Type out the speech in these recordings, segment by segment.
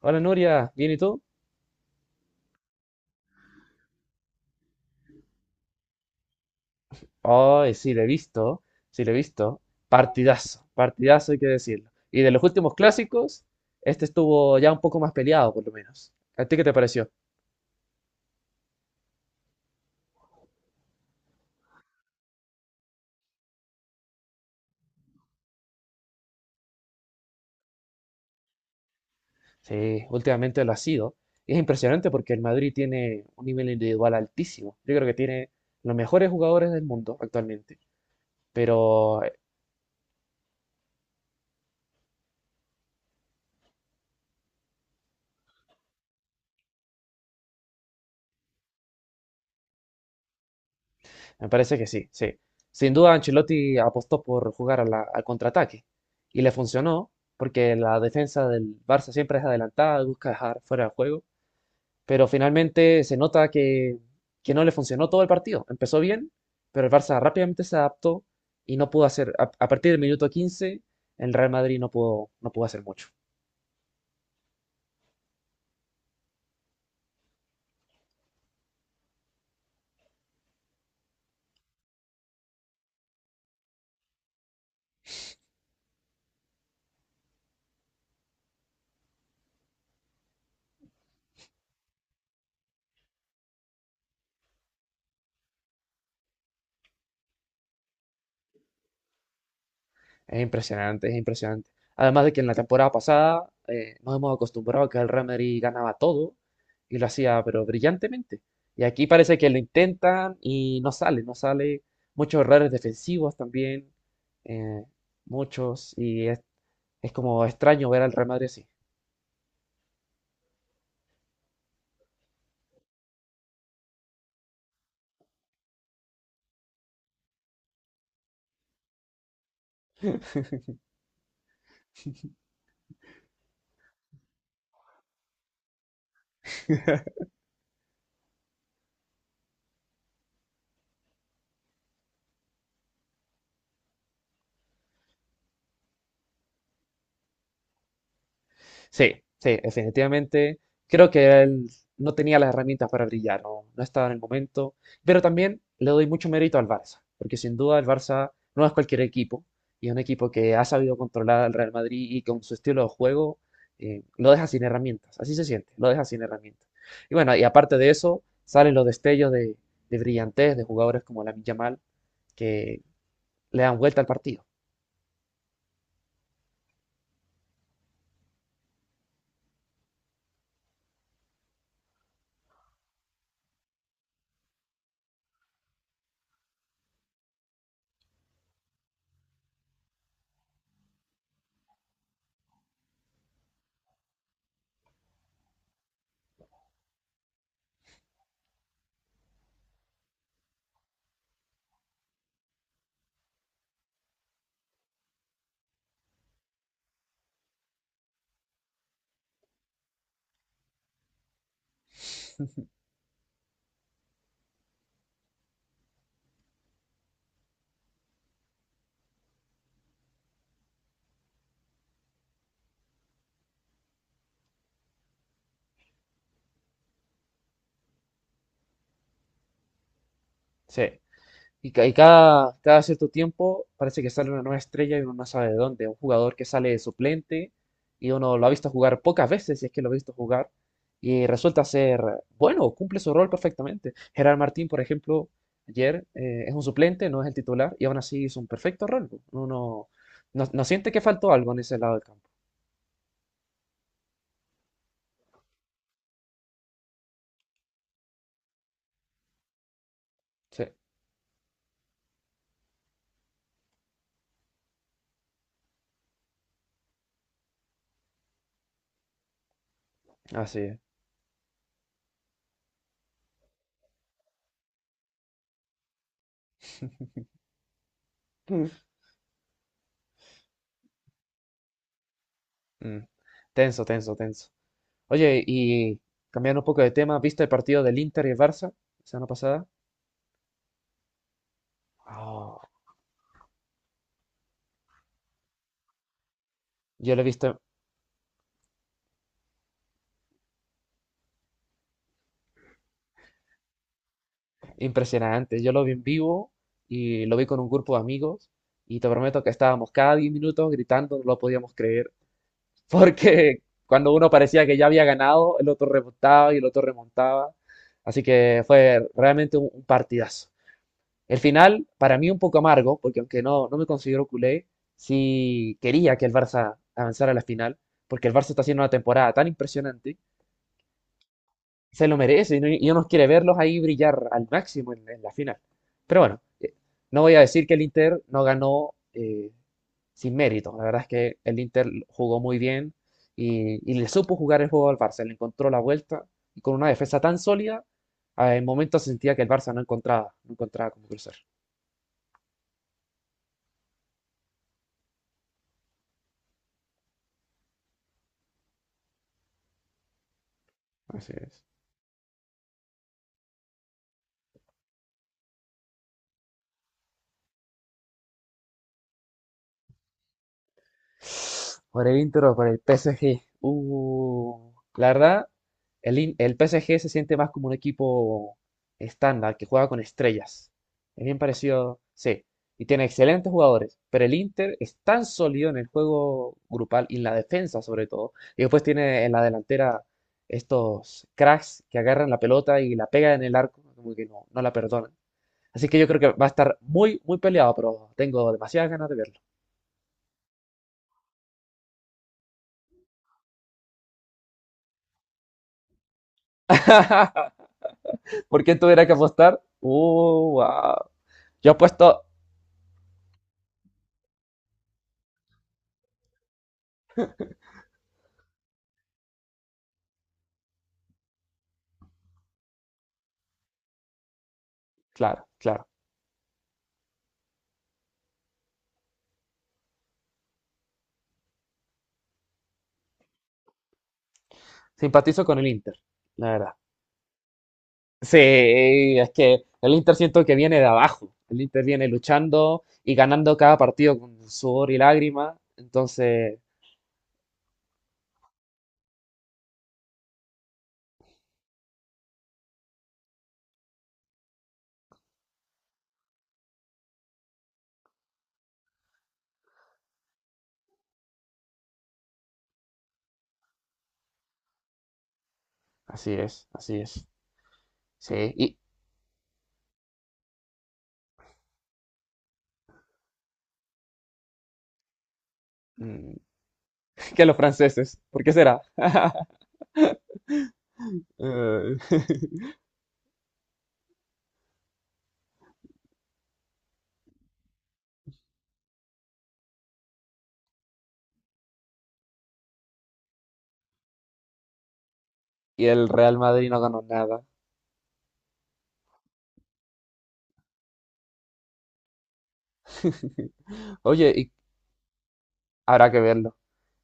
Hola Nuria, ¿bien y tú? Ay, sí, le he visto, sí, le he visto. Partidazo, partidazo hay que decirlo. Y de los últimos clásicos, este estuvo ya un poco más peleado, por lo menos. ¿A ti qué te pareció? Sí, últimamente lo ha sido. Y es impresionante porque el Madrid tiene un nivel individual altísimo. Yo creo que tiene los mejores jugadores del mundo actualmente. Pero. Me parece que sí, sí. Sin duda, Ancelotti apostó por jugar al contraataque y le funcionó porque la defensa del Barça siempre es adelantada, busca dejar fuera de juego, pero finalmente se nota que no le funcionó todo el partido. Empezó bien, pero el Barça rápidamente se adaptó y no pudo hacer, a partir del minuto 15, el Real Madrid no pudo hacer mucho. Es impresionante, es impresionante. Además de que en la temporada pasada nos hemos acostumbrado a que el Real Madrid ganaba todo y lo hacía pero brillantemente. Y aquí parece que lo intentan y no sale, no sale. Muchos errores defensivos también, eh, muchos. Y es como extraño ver al Real Madrid así. Sí, sí, definitivamente. Creo que él no tenía las herramientas para brillar, no, no estaba en el momento. Pero también le doy mucho mérito al Barça, porque sin duda el Barça no es cualquier equipo, y es un equipo que ha sabido controlar al Real Madrid y con su estilo de juego lo deja sin herramientas. Así se siente, lo deja sin herramientas. Y bueno, y aparte de eso, salen los destellos de brillantez de jugadores como Lamine Yamal que le dan vuelta al partido. Sí. Y cada cierto tiempo parece que sale una nueva estrella y uno no sabe de dónde. Un jugador que sale de suplente y uno lo ha visto jugar pocas veces, si es que lo ha visto jugar, y resulta ser bueno, cumple su rol perfectamente. Gerard Martín, por ejemplo, ayer es un suplente, no es el titular, y aún así hizo un perfecto rol. Uno no siente que faltó algo en ese lado del campo. Sí, así es. Mm. Mm. Tenso, tenso, tenso. Oye, y cambiando un poco de tema, ¿viste el partido del Inter y el Barça la semana pasada? Oh, yo lo he visto impresionante. Yo lo vi en vivo y lo vi con un grupo de amigos y te prometo que estábamos cada 10 minutos gritando, no lo podíamos creer, porque cuando uno parecía que ya había ganado, el otro remontaba y el otro remontaba. Así que fue realmente un partidazo. El final, para mí, un poco amargo, porque aunque no me considero culé, sí quería que el Barça avanzara a la final, porque el Barça está haciendo una temporada tan impresionante. Se lo merece y, y uno quiere verlos ahí brillar al máximo en la final. Pero bueno, no voy a decir que el Inter no ganó sin mérito. La verdad es que el Inter jugó muy bien y le supo jugar el juego al Barça, le encontró la vuelta y con una defensa tan sólida, en momentos sentía que el Barça no encontraba cómo cruzar. Así es. Por el Inter o por el PSG. La verdad, el PSG se siente más como un equipo estándar que juega con estrellas. Es bien parecido, sí. Y tiene excelentes jugadores, pero el Inter es tan sólido en el juego grupal y en la defensa sobre todo. Y después tiene en la delantera estos cracks que agarran la pelota y la pegan en el arco, como que no la perdonan. Así que yo creo que va a estar muy, muy peleado, pero tengo demasiadas ganas de verlo. ¿Por qué tuviera que apostar? Wow. Yo apuesto, claro, claro. Simpatizo con el Inter, la verdad. Sí, es que el Inter siento que viene de abajo. El Inter viene luchando y ganando cada partido con sudor y lágrimas. Entonces, así es, así es. Sí, y mm, que los franceses, ¿por qué será? Eh, Y el Real Madrid no ganó nada. Oye, habrá que verlo.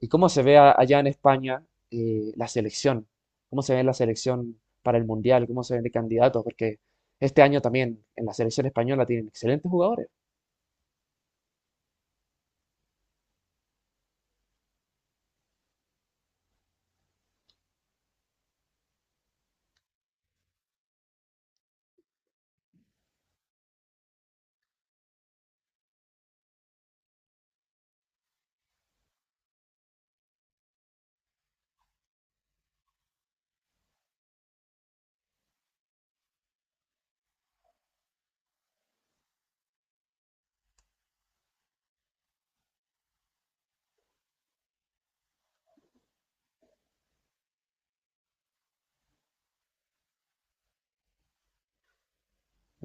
¿Y cómo se ve allá en España la selección? ¿Cómo se ve la selección para el Mundial? ¿Cómo se ven de candidatos? Porque este año también en la selección española tienen excelentes jugadores.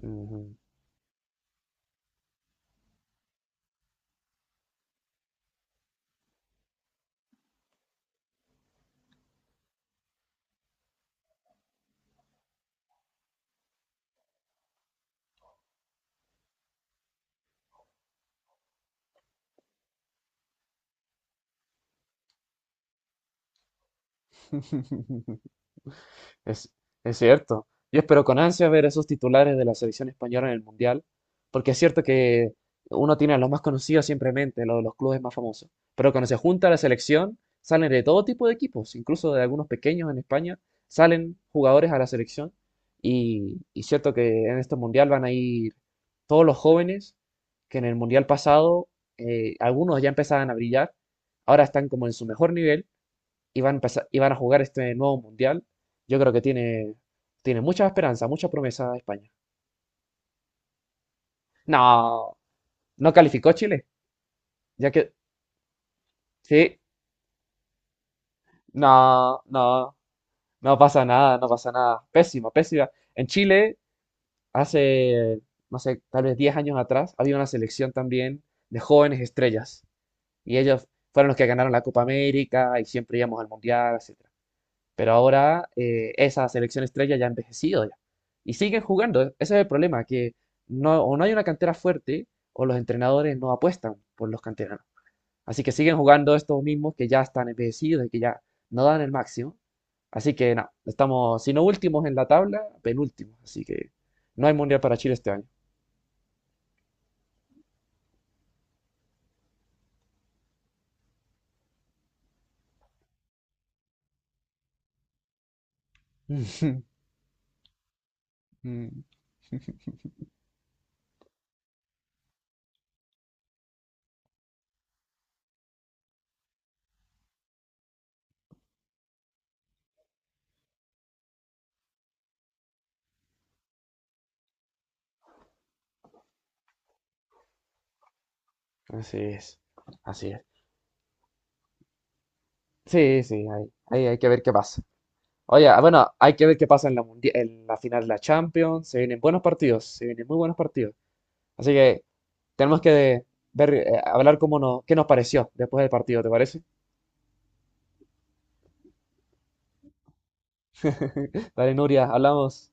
Ujú. Es, es cierto. Yo espero con ansia ver esos titulares de la selección española en el Mundial, porque es cierto que uno tiene a los más conocidos simplemente en mente, los clubes más famosos. Pero cuando se junta la selección, salen de todo tipo de equipos, incluso de algunos pequeños en España, salen jugadores a la selección. Y cierto que en este Mundial van a ir todos los jóvenes que en el Mundial pasado, algunos ya empezaban a brillar, ahora están como en su mejor nivel y van a jugar este nuevo mundial, yo creo que tiene mucha esperanza, mucha promesa España. No, no calificó Chile, ya que sí, no, no, no pasa nada, no pasa nada. Pésima, pésima. En Chile, hace, no sé, tal vez 10 años atrás, había una selección también de jóvenes estrellas y ellos fueron los que ganaron la Copa América y siempre íbamos al mundial, etc. Pero ahora esa selección estrella ya ha envejecido ya. Y siguen jugando. Ese es el problema, que no, o no hay una cantera fuerte o los entrenadores no apuestan por los canteranos. Así que siguen jugando estos mismos que ya están envejecidos y que ya no dan el máximo. Así que nada, estamos, si no últimos en la tabla, penúltimos. Así que no hay mundial para Chile este año. Mm. Así es, así es. Sí, sí, ahí, ahí hay que ver qué pasa. Oye, bueno, hay que ver qué pasa en la final de la Champions. Se vienen buenos partidos, se vienen muy buenos partidos. Así que tenemos que ver, hablar qué nos pareció después del partido, ¿te parece? Dale, Nuria, hablamos.